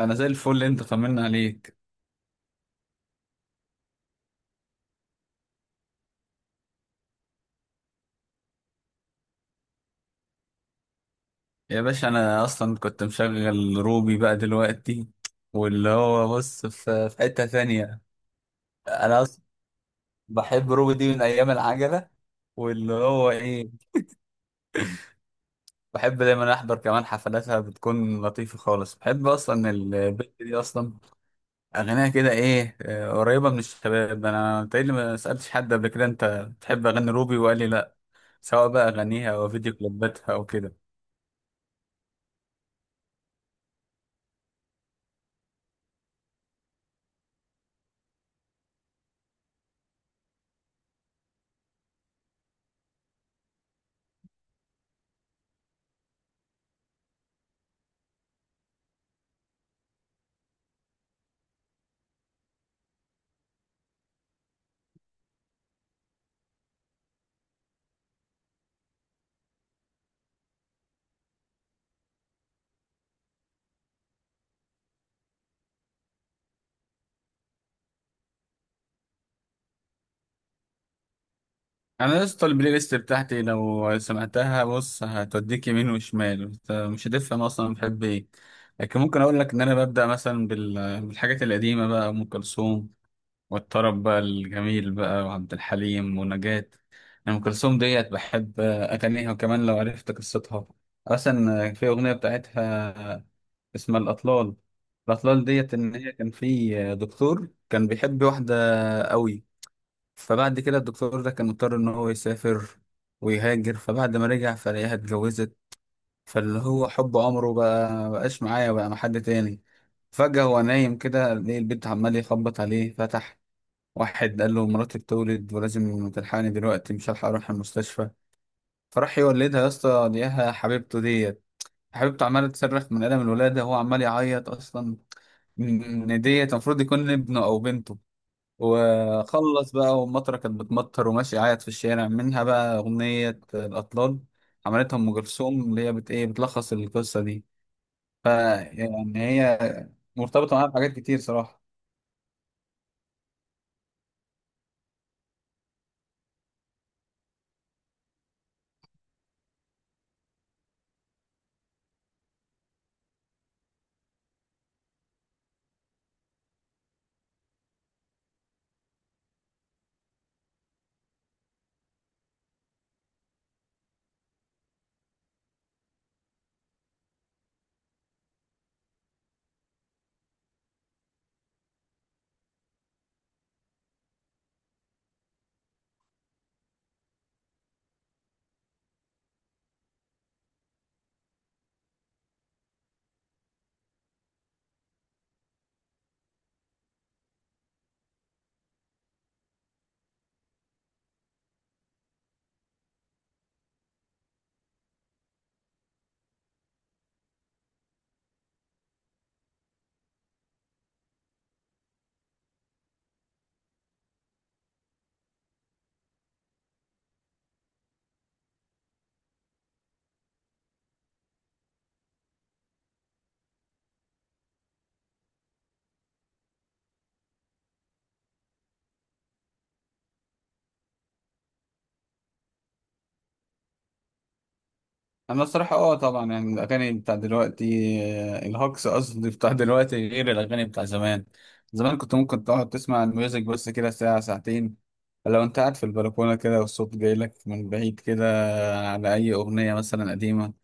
انا زي الفل اللي انت طمنا عليك. يا باشا انا اصلا كنت مشغل روبي بقى دلوقتي، واللي هو بص في حتة ثانية. انا اصلا بحب روبي دي من ايام العجلة، واللي هو ايه، بحب دايما احضر كمان حفلاتها، بتكون لطيفة خالص، بحب اصلا البنت دي اصلا. اغانيها كده ايه قريبة من الشباب. انا تقريبا ما سألتش حد قبل كده انت بتحب اغاني روبي وقال لي لا. سواء بقى اغانيها او فيديو كليباتها او كده. انا يا اسطى البلاي ليست بتاعتي لو سمعتها بص هتوديك يمين وشمال، انت مش هتفهم اصلا بحب ايه. لكن ممكن اقول لك ان انا ببدا مثلا بالحاجات القديمه، بقى ام كلثوم والطرب بقى الجميل بقى، وعبد الحليم ونجاة. أنا ام كلثوم ديت بحب اغانيها، وكمان لو عرفت قصتها. اصلا في اغنيه بتاعتها اسمها الاطلال. الاطلال ديت ان هي كان في دكتور كان بيحب واحده قوي، فبعد كده الدكتور ده كان مضطر ان هو يسافر ويهاجر، فبعد ما رجع فلاقيها اتجوزت. فاللي هو حب عمره بقى مبقاش معايا، بقى مع حد تاني. فجأة هو نايم كده لقي البيت عمال يخبط عليه، فتح، واحد قال له مراتي بتولد ولازم تلحقني دلوقتي، مش هلحق اروح المستشفى. فراح يولدها يا اسطى، لقاها حبيبته ديت. حبيبته عمالة تصرخ من ألم الولادة وهو عمال يعيط أصلا، إن ديت المفروض يكون ابنه أو بنته. وخلص بقى، والمطره كانت بتمطر وماشي قاعد في الشارع، منها بقى اغنيه الاطلال. عملتها ام كلثوم، اللي هي بت ايه، بتلخص القصه دي. ف يعني هي مرتبطه معاها بحاجات كتير صراحه. انا الصراحه اه طبعا، يعني الاغاني بتاع دلوقتي، الهوكس قصدي بتاع دلوقتي غير الاغاني بتاع زمان. زمان كنت ممكن تقعد تسمع الميوزك بس كده ساعه ساعتين. لو انت قاعد في البلكونه كده والصوت جاي لك من بعيد كده على اي اغنيه مثلا قديمه،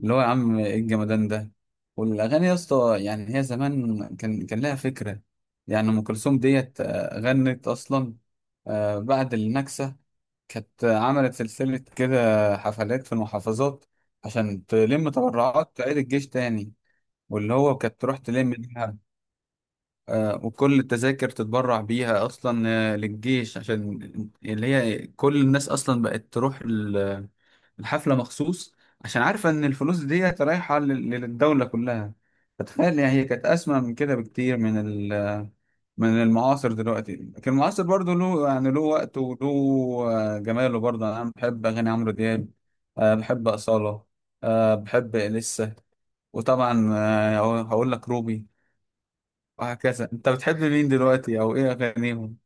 اللي هو يا عم ايه الجمدان ده. والاغاني يا اسطى يعني هي زمان كان لها فكره. يعني ام كلثوم ديت غنت اصلا بعد النكسه، كانت عملت سلسلة كده حفلات في المحافظات عشان تلم تبرعات تعيد الجيش تاني. واللي هو كانت تروح تلم بيها وكل التذاكر تتبرع بيها اصلا للجيش، عشان اللي هي كل الناس اصلا بقت تروح الحفلة مخصوص، عشان عارفة ان الفلوس دي رايحة للدولة كلها. فتخيل يعني هي كانت اسمى من كده بكتير من ال، من المعاصر دلوقتي. لكن المعاصر برضه له يعني له وقته وله جماله برضه. انا بحب اغاني عمرو دياب، بحب أصالة، بحب لسه، وطبعا هقول لك روبي، وهكذا. انت بتحب مين دلوقتي او ايه اغانيهم؟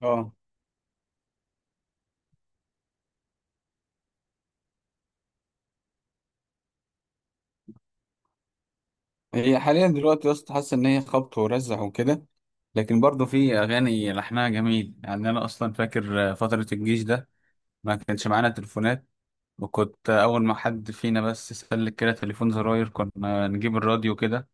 اه، هي حاليا دلوقتي يا اسطى حاسس ان هي خبط ورزع وكده، لكن برضه في اغاني لحنها جميل. يعني انا اصلا فاكر فتره الجيش ده ما كانش معانا تليفونات، وكنت اول ما حد فينا بس سلك كده تليفون زراير كنا نجيب الراديو كده،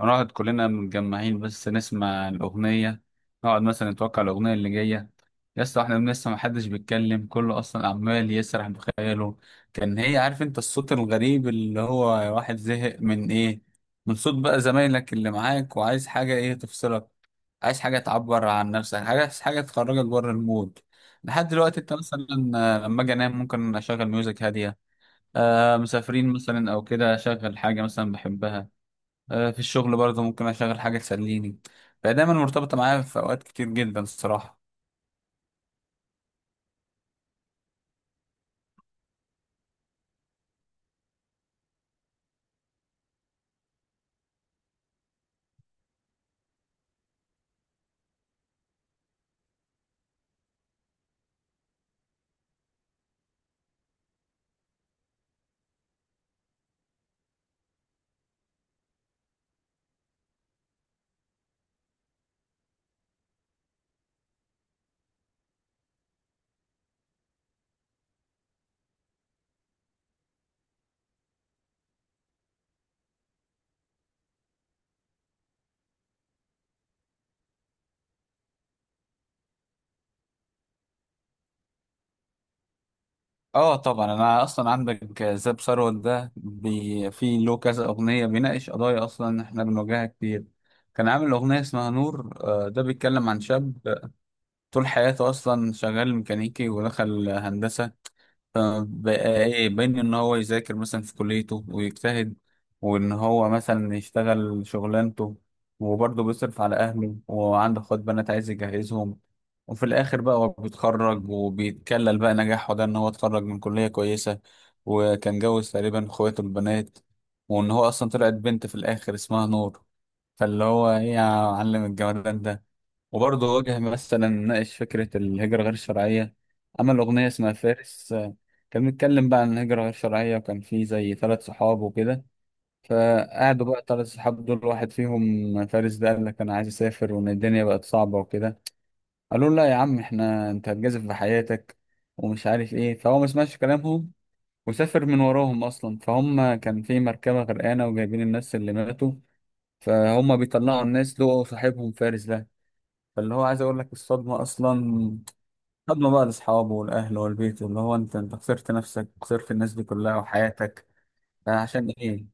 نقعد كلنا متجمعين بس نسمع الأغنية، نقعد مثلا نتوقع الأغنية اللي جاية. يا اسطى احنا لسه محدش بيتكلم، كله أصلا عمال يسرح بخياله. كان هي عارف انت الصوت الغريب اللي هو واحد زهق من ايه، من صوت بقى زمايلك اللي معاك، وعايز حاجة ايه تفصلك، عايز حاجة تعبر عن نفسك حاجة، عايز حاجة تخرجك بره المود. لحد دلوقتي انت مثلا لما اجي انام ممكن اشغل ميوزك هادية، آه مسافرين مثلا او كده اشغل حاجة مثلا بحبها، في الشغل برضه ممكن اشغل حاجه تسليني. فهي دايما مرتبطه معايا في اوقات كتير جدا الصراحه. اه طبعا، انا اصلا عندك زاب ثروت ده بي في له كذا اغنيه بيناقش قضايا اصلا احنا بنواجهها كتير. كان عامل اغنيه اسمها نور ده بيتكلم عن شاب طول حياته اصلا شغال ميكانيكي ودخل هندسه. بقى ايه بين ان هو يذاكر مثلا في كليته ويجتهد، وان هو مثلا يشتغل شغلانته، وبرضه بيصرف على اهله وعنده اخوات بنات عايز يجهزهم. وفي الاخر بقى هو بيتخرج وبيتكلل بقى نجاحه ده ان هو اتخرج من كلية كويسة، وكان جوز تقريبا اخواته البنات، وان هو اصلا طلعت بنت في الاخر اسمها نور. فاللي هو ايه يا معلم الجمدان ده. وبرضه واجه مثلا، ناقش فكرة الهجرة غير الشرعية، عمل أغنية اسمها فارس كان بيتكلم بقى عن الهجرة غير شرعية، وكان فيه زي ثلاث صحاب وكده. فقعدوا بقى ثلاث صحاب دول، واحد فيهم فارس ده قال لك أنا عايز أسافر وإن الدنيا بقت صعبة وكده. قالوا له لا يا عم إحنا، أنت هتجازف بحياتك ومش عارف إيه. فهو ما سمعش كلامهم، وسافر من وراهم أصلا. فهم كان في مركبة غرقانة وجايبين الناس اللي ماتوا، فهم بيطلعوا الناس لقوا صاحبهم فارس ده. فاللي هو عايز اقول لك الصدمه اصلا، صدمه بقى لاصحابه والاهل والبيت، اللي هو انت، انت خسرت نفسك، خسرت الناس دي كلها وحياتك عشان ايه.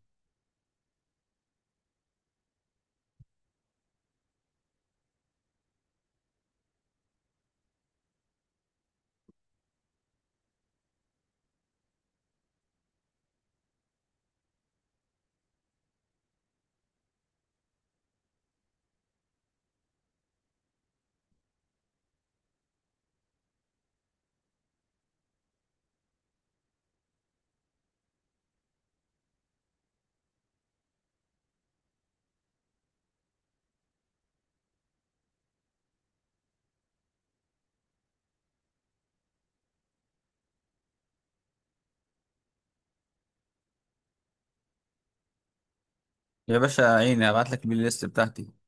يا باشا عيني، ابعت لك البلاي ليست بتاعتي.